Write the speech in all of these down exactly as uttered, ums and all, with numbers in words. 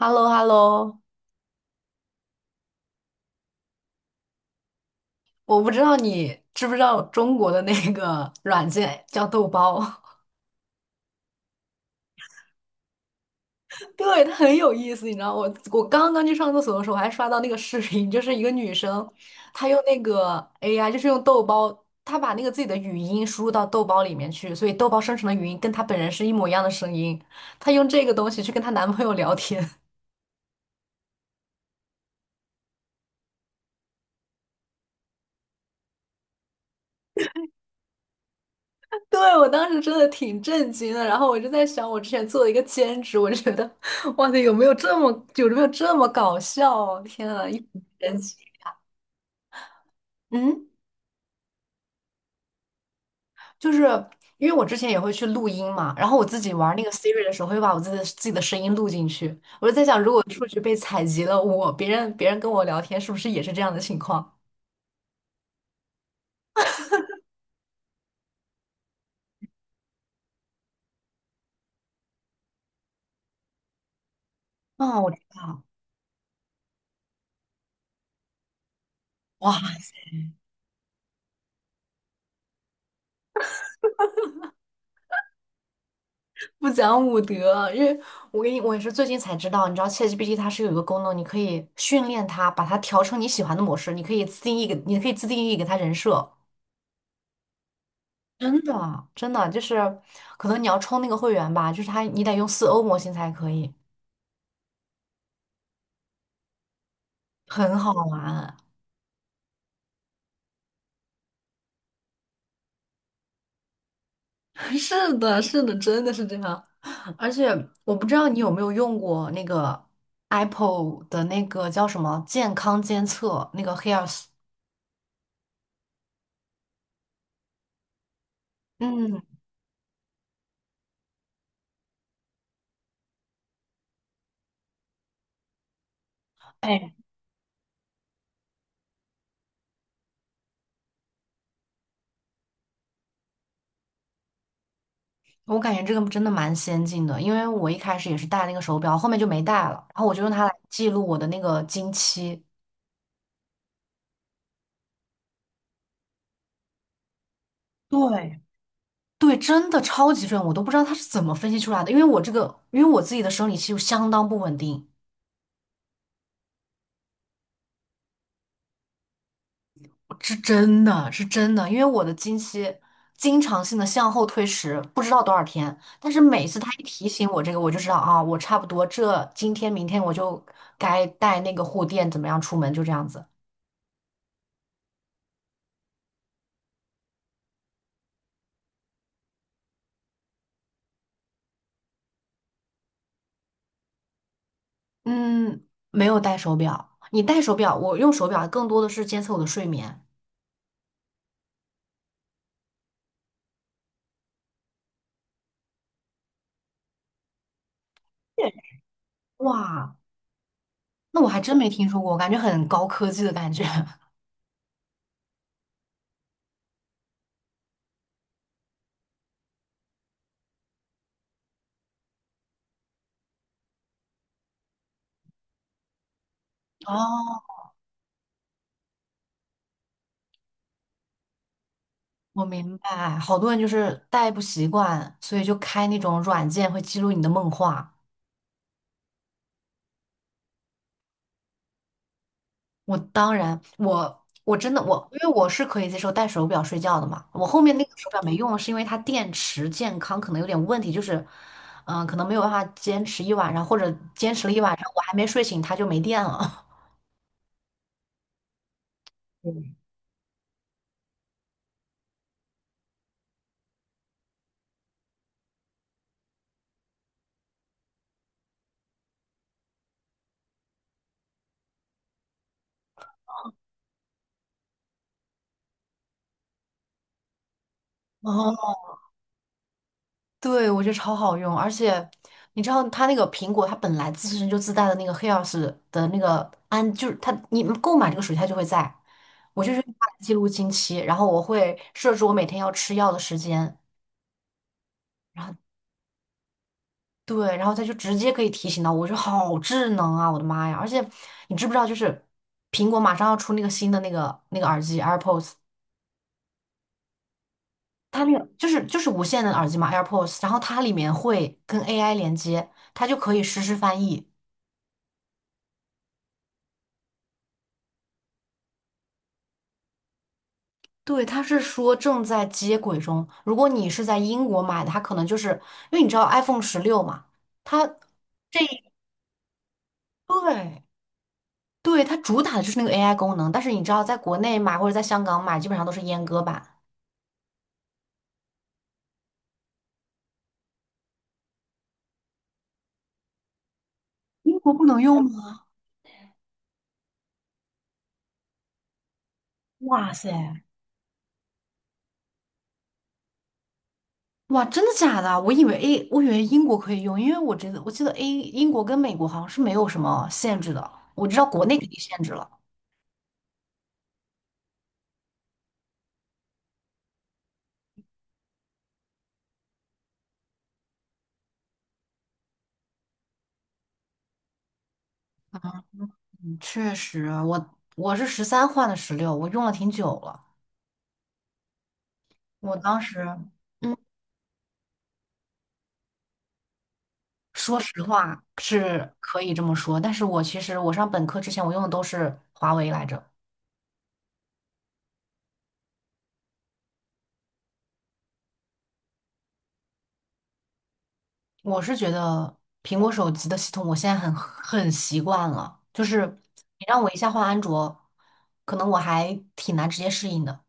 h e l l o h e l l o 我不知道你知不知道中国的那个软件叫豆包。对，它很有意思，你知道，我我刚刚去上厕所的时候，我还刷到那个视频，就是一个女生，她用那个 A I,就是用豆包，她把那个自己的语音输入到豆包里面去，所以豆包生成的语音跟她本人是一模一样的声音，她用这个东西去跟她男朋友聊天。对，我当时真的挺震惊的，然后我就在想，我之前做了一个兼职，我就觉得，哇塞，有没有这么有没有这么搞笑啊，天啊，一本神奇。嗯，就是因为我之前也会去录音嘛，然后我自己玩那个 Siri 的时候，会把我自己的自己的声音录进去。我就在想，如果数据被采集了，我别人别人跟我聊天，是不是也是这样的情况？哦，我知道，哇。不讲武德，因为我跟你我也是最近才知道，你知道 ChatGPT 它是有一个功能，你可以训练它，把它调成你喜欢的模式，你可以自定义给，你可以自定义给它人设。真的，真的就是，可能你要充那个会员吧，就是它你得用四欧模型才可以，很好玩。是的，是的，真的是这样。而且我不知道你有没有用过那个 Apple 的那个叫什么健康监测，那个 Health。嗯。哎。我感觉这个真的蛮先进的，因为我一开始也是戴那个手表，后面就没戴了，然后我就用它来记录我的那个经期。对，对，真的超级准，我都不知道它是怎么分析出来的，因为我这个，因为我自己的生理期就相当不稳定，是真的是真的，因为我的经期经常性的向后推迟，不知道多少天，但是每次它一提醒我这个，我就知道啊，我差不多这今天明天我就该带那个护垫，怎么样出门，就这样子。嗯，没有戴手表。你戴手表，我用手表更多的是监测我的睡眠。对，哇，那我还真没听说过，感觉很高科技的感觉。哦，我明白，好多人就是戴不习惯，所以就开那种软件会记录你的梦话。我当然，我我真的我，因为我是可以接受戴手表睡觉的嘛。我后面那个手表没用了是因为它电池健康可能有点问题，就是嗯、呃可能没有办法坚持一晚上，或者坚持了一晚上，我还没睡醒，它就没电了。哦，对，我觉得超好用，而且你知道它那个苹果，它本来自身就自带的那个黑曜石的那个安，就是它你购买这个属性它就会在，我就是用它来记录经期，然后我会设置我每天要吃药的时间，然后对，然后它就直接可以提醒到我，我觉得好智能啊，我的妈呀！而且你知不知道，就是苹果马上要出那个新的那个那个耳机 AirPods,它那个就是就是无线的耳机嘛 AirPods,然后它里面会跟 A I 连接，它就可以实时翻译。对，他是说正在接轨中。如果你是在英国买的，它可能就是因为你知道 iPhone 十六嘛，它这对对它主打的就是那个 A I 功能。但是你知道，在国内买或者在香港买，基本上都是阉割版。英国不能用吗？哇塞，哇，真的假的？我以为 A，我以为英国可以用，因为我觉得我记得 A 英国跟美国好像是没有什么限制的。我知道国内肯定限制了。嗯，确实，我我是十三换的十六，我用了挺久了。我当时。嗯。说实话是可以这么说，但是我其实我上本科之前我用的都是华为来着。我是觉得苹果手机的系统我现在很很习惯了，就是你让我一下换安卓，可能我还挺难直接适应的。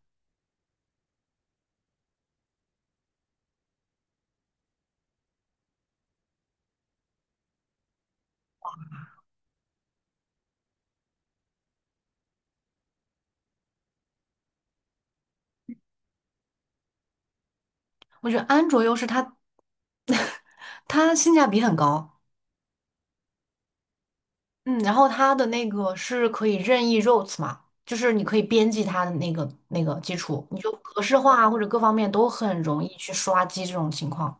我觉得安卓优势它 它性价比很高，嗯，然后它的那个是可以任意 r o u t 嘛，就是你可以编辑它的那个那个基础，你就格式化或者各方面都很容易去刷机这种情况。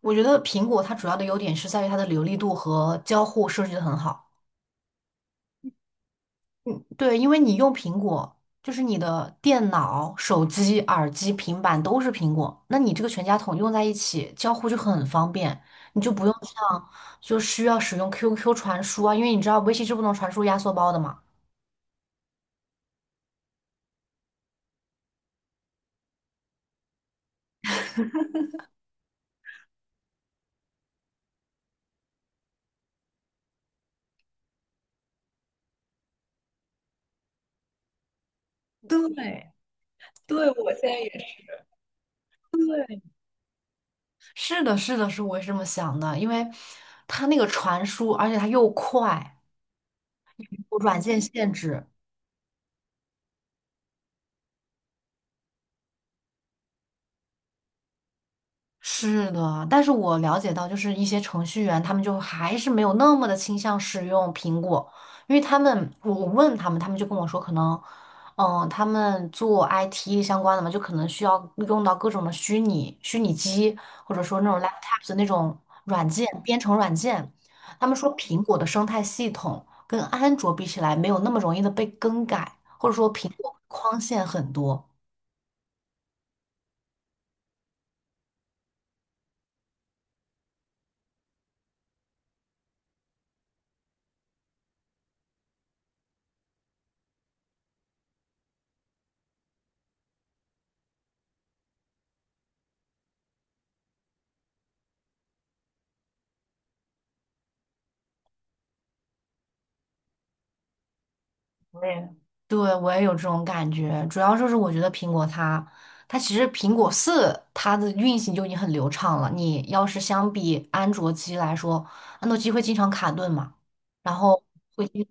我觉得苹果它主要的优点是在于它的流利度和交互设计的很好。嗯，对，因为你用苹果，就是你的电脑、手机、耳机、平板都是苹果，那你这个全家桶用在一起，交互就很方便，你就不用像就需要使用 Q Q 传输啊，因为你知道微信是不能传输压缩包的嘛。对，对，我现在也是。是的，是的，是我也是这么想的，因为它那个传输，而且它又快，有软件限制。是的，但是我了解到，就是一些程序员，他们就还是没有那么的倾向使用苹果，因为他们，我我问他们，他们就跟我说，可能，嗯，他们做 I T 相关的嘛，就可能需要用到各种的虚拟虚拟机，或者说那种 laptop 的那种软件，编程软件。他们说苹果的生态系统跟安卓比起来，没有那么容易的被更改，或者说苹果框限很多。我也对，我也有这种感觉，主要就是我觉得苹果它，它其实苹果四它的运行就已经很流畅了。你要是相比安卓机来说，安卓机会经常卡顿嘛，然后会经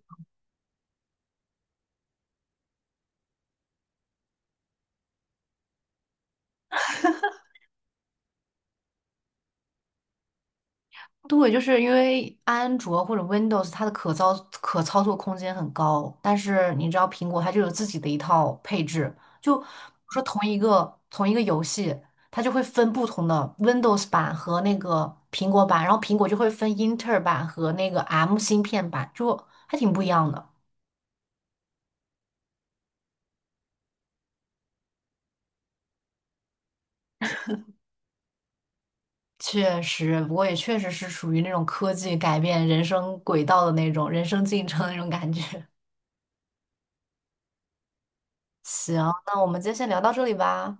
对，就是因为安卓或者 Windows 它的可操可操作空间很高，但是你知道苹果它就有自己的一套配置，就比如说同一个同一个游戏，它就会分不同的 Windows 版和那个苹果版，然后苹果就会分英特尔版和那个 M 芯片版，就还挺不一样的。确实，不过也确实是属于那种科技改变人生轨道的那种人生进程的那种感觉。行，那我们今天先聊到这里吧。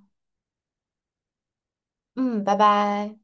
嗯，拜拜。